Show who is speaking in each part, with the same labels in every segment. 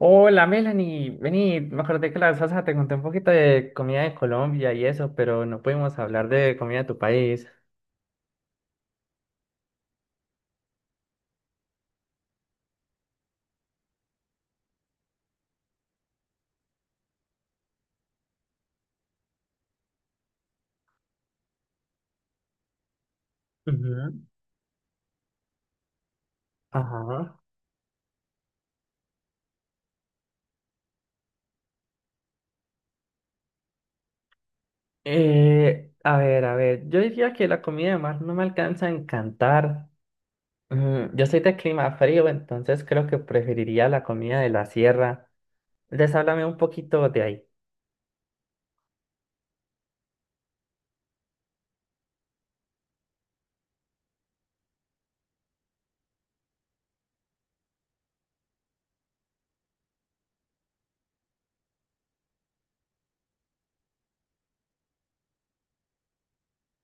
Speaker 1: Hola Melanie, vení, me acordé que la vez pasada te conté un poquito de comida de Colombia y eso, pero no pudimos hablar de comida de tu país. Ujú. Ajá. A ver, a ver, yo diría que la comida de mar no me alcanza a encantar. Yo soy de clima frío, entonces creo que preferiría la comida de la sierra. Entonces háblame un poquito de ahí.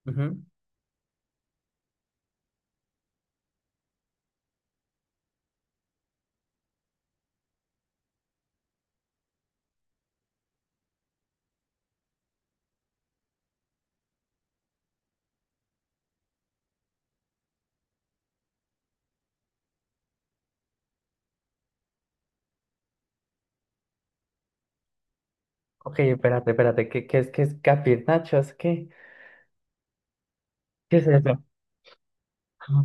Speaker 1: Ujú. Ok, espérate, espérate, ¿qué es capir nachos? ¿Qué es eso? Ajá.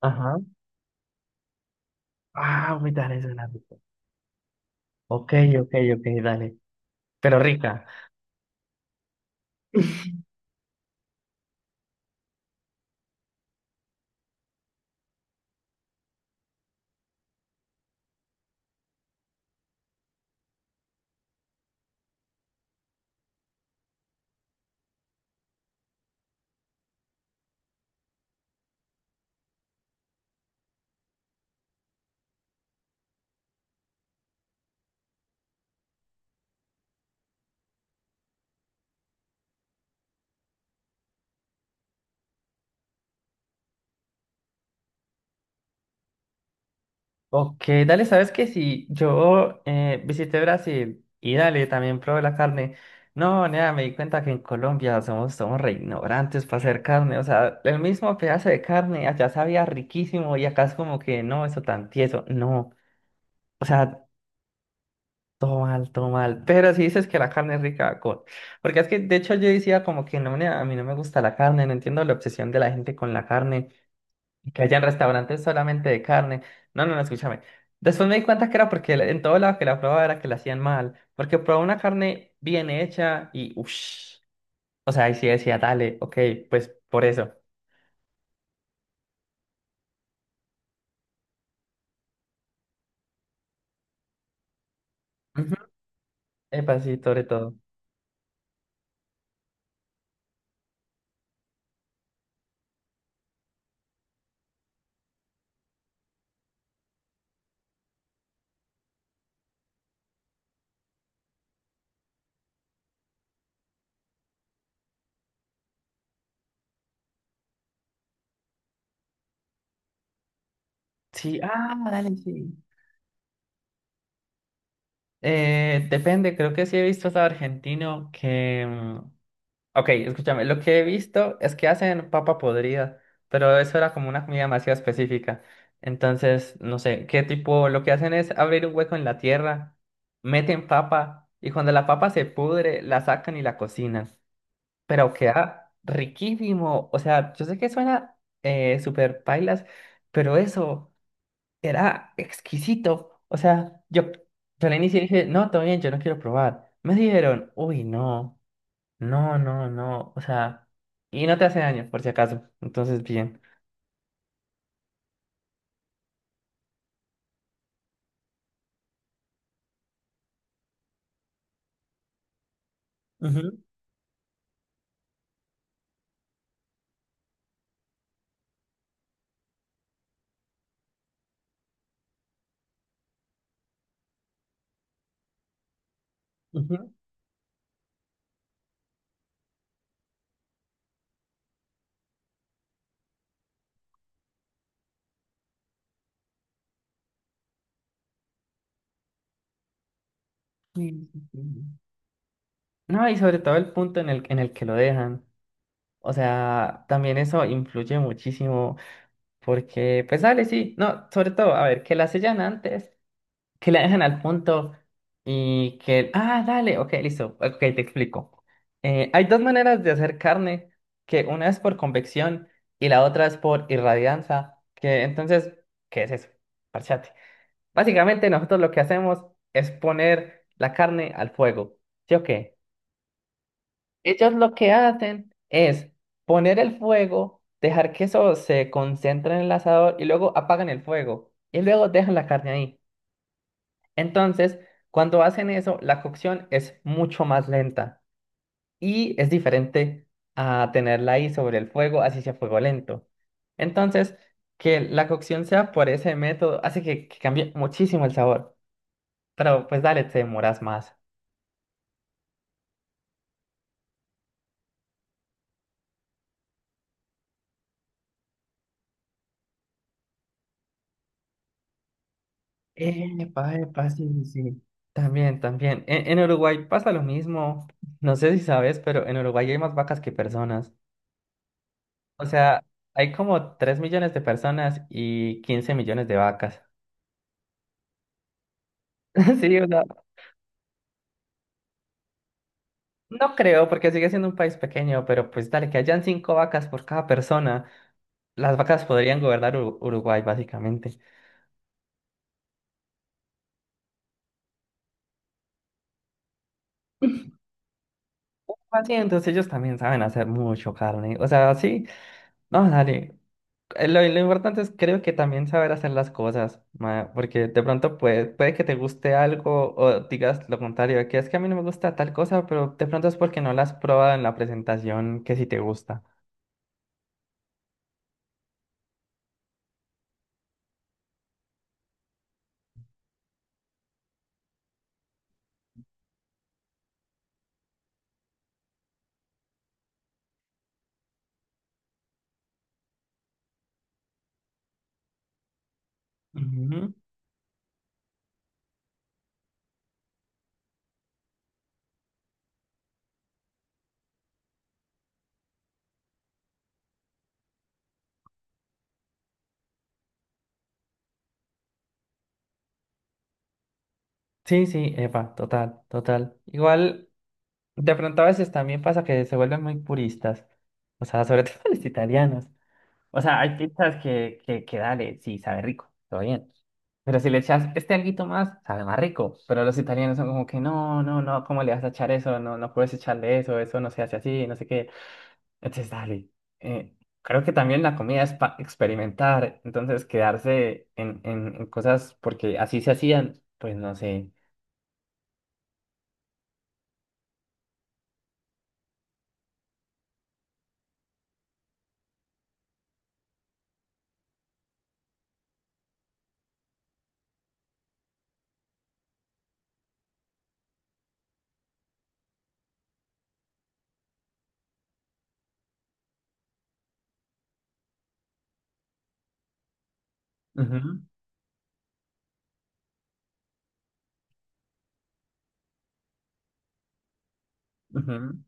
Speaker 1: Ajá. Ah, muy dale. Ok, ok, ok, dale. Pero rica. Ok, dale, ¿sabes qué? Si yo visité Brasil y dale, también probé la carne. No, nada, me di cuenta que en Colombia somos, re ignorantes para hacer carne. O sea, el mismo pedazo de carne allá sabía riquísimo y acá es como que no, eso tan tieso. No, o sea, todo mal, todo mal. Pero si dices que la carne es rica, con porque es que de hecho yo decía como que no, nea, a mí no me gusta la carne, no entiendo la obsesión de la gente con la carne. Que hayan restaurantes solamente de carne. No, no, no, escúchame. Después me di cuenta que era porque en todo lado que la probaba era que la hacían mal. Porque probaba una carne bien hecha y uff. O sea, ahí sí decía, dale, ok, pues por eso. Ujú. Epa, sí, sobre todo. Sí, ah, dale, sí. Depende, creo que sí he visto hasta argentino que. Ok, escúchame, lo que he visto es que hacen papa podrida, pero eso era como una comida demasiado específica. Entonces, no sé, qué tipo, lo que hacen es abrir un hueco en la tierra, meten papa y cuando la papa se pudre, la sacan y la cocinan. Pero queda riquísimo. O sea, yo sé que suena súper pailas, pero eso era exquisito. O sea, yo al inicio dije, no, todo bien, yo no quiero probar. Me dijeron, uy, no. No, no, no, o sea, y no te hace daño, por si acaso, entonces bien. Ujú, ujú. Sí, sí, sí. No, y sobre todo el punto en el que lo dejan. O sea, también eso influye muchísimo porque, pues dale, sí, no, sobre todo, a ver, que la sellan antes, que la dejan al punto y que, ah, dale, ok, listo, ok, te explico. Hay dos maneras de hacer carne, que una es por convección y la otra es por irradianza, que entonces, ¿qué es eso? Parchate. Básicamente nosotros lo que hacemos es poner la carne al fuego, ¿sí o qué? Ellos lo que hacen es poner el fuego, dejar que eso se concentre en el asador y luego apagan el fuego y luego dejan la carne ahí. Entonces, cuando hacen eso, la cocción es mucho más lenta y es diferente a tenerla ahí sobre el fuego, así sea fuego lento. Entonces, que la cocción sea por ese método hace que cambie muchísimo el sabor. Pero pues dale, te demoras más. Epa, epa, sí, sí, sí. También, también. En Uruguay pasa lo mismo. No sé si sabes, pero en Uruguay hay más vacas que personas. O sea, hay como 3 millones de personas y 15 millones de vacas. Sí, o sea, no creo, porque sigue siendo un país pequeño, pero pues dale, que hayan cinco vacas por cada persona, las vacas podrían gobernar Uruguay, básicamente. Así, entonces ellos también saben hacer mucho carne. O sea, sí, no, dale. Lo importante es, creo que también saber hacer las cosas, ma, porque de pronto puede que te guste algo o digas lo contrario, de que es que a mí no me gusta tal cosa, pero de pronto es porque no la has probado en la presentación que sí te gusta. Ujú. Sí, sí, Epa, total, total. Igual. De pronto a veces también pasa que se vuelven muy puristas, o sea, sobre todo los italianos. O sea, hay pizzas que dale, sí, sabe rico, todo bien. Pero si le echas este alguito más, sabe más rico. Pero los italianos son como que no, no, no, ¿cómo le vas a echar eso? No, no puedes echarle eso, eso no se hace así, no sé qué. Entonces, dale. Eh, creo que también la comida es para experimentar, entonces quedarse en cosas porque así se hacían, pues no sé. Ujú, ujú.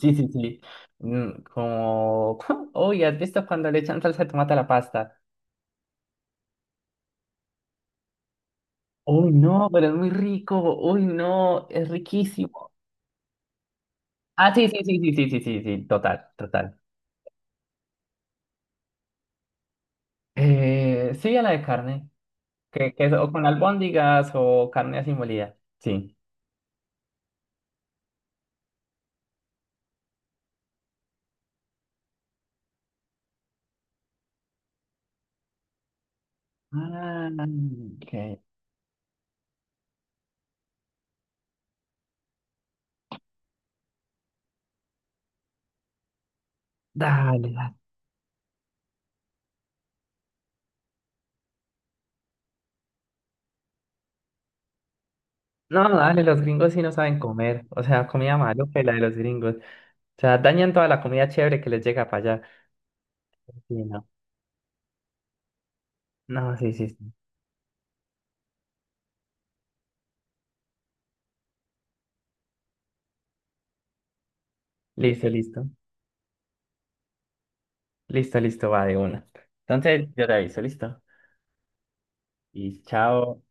Speaker 1: Sí, sí, sí. Como, uy, ¿has visto cuando le echan salsa de tomate a la pasta? Uy, no, pero es muy rico. Uy, no, es riquísimo. Ah, sí, sí, sí, sí, sí, sí, sí, sí, total, total. Sí, a la de carne, que es o con albóndigas o carne así molida. Sí. Ah, ok. Dale, dale. No, dale, los gringos sí no saben comer. O sea, comida maloca y la de los gringos. O sea, dañan toda la comida chévere que les llega para allá. Sí, no. No, sí, sí, sí. Listo, listo. Listo, listo, va de una. Entonces, yo te aviso, listo. Y chao.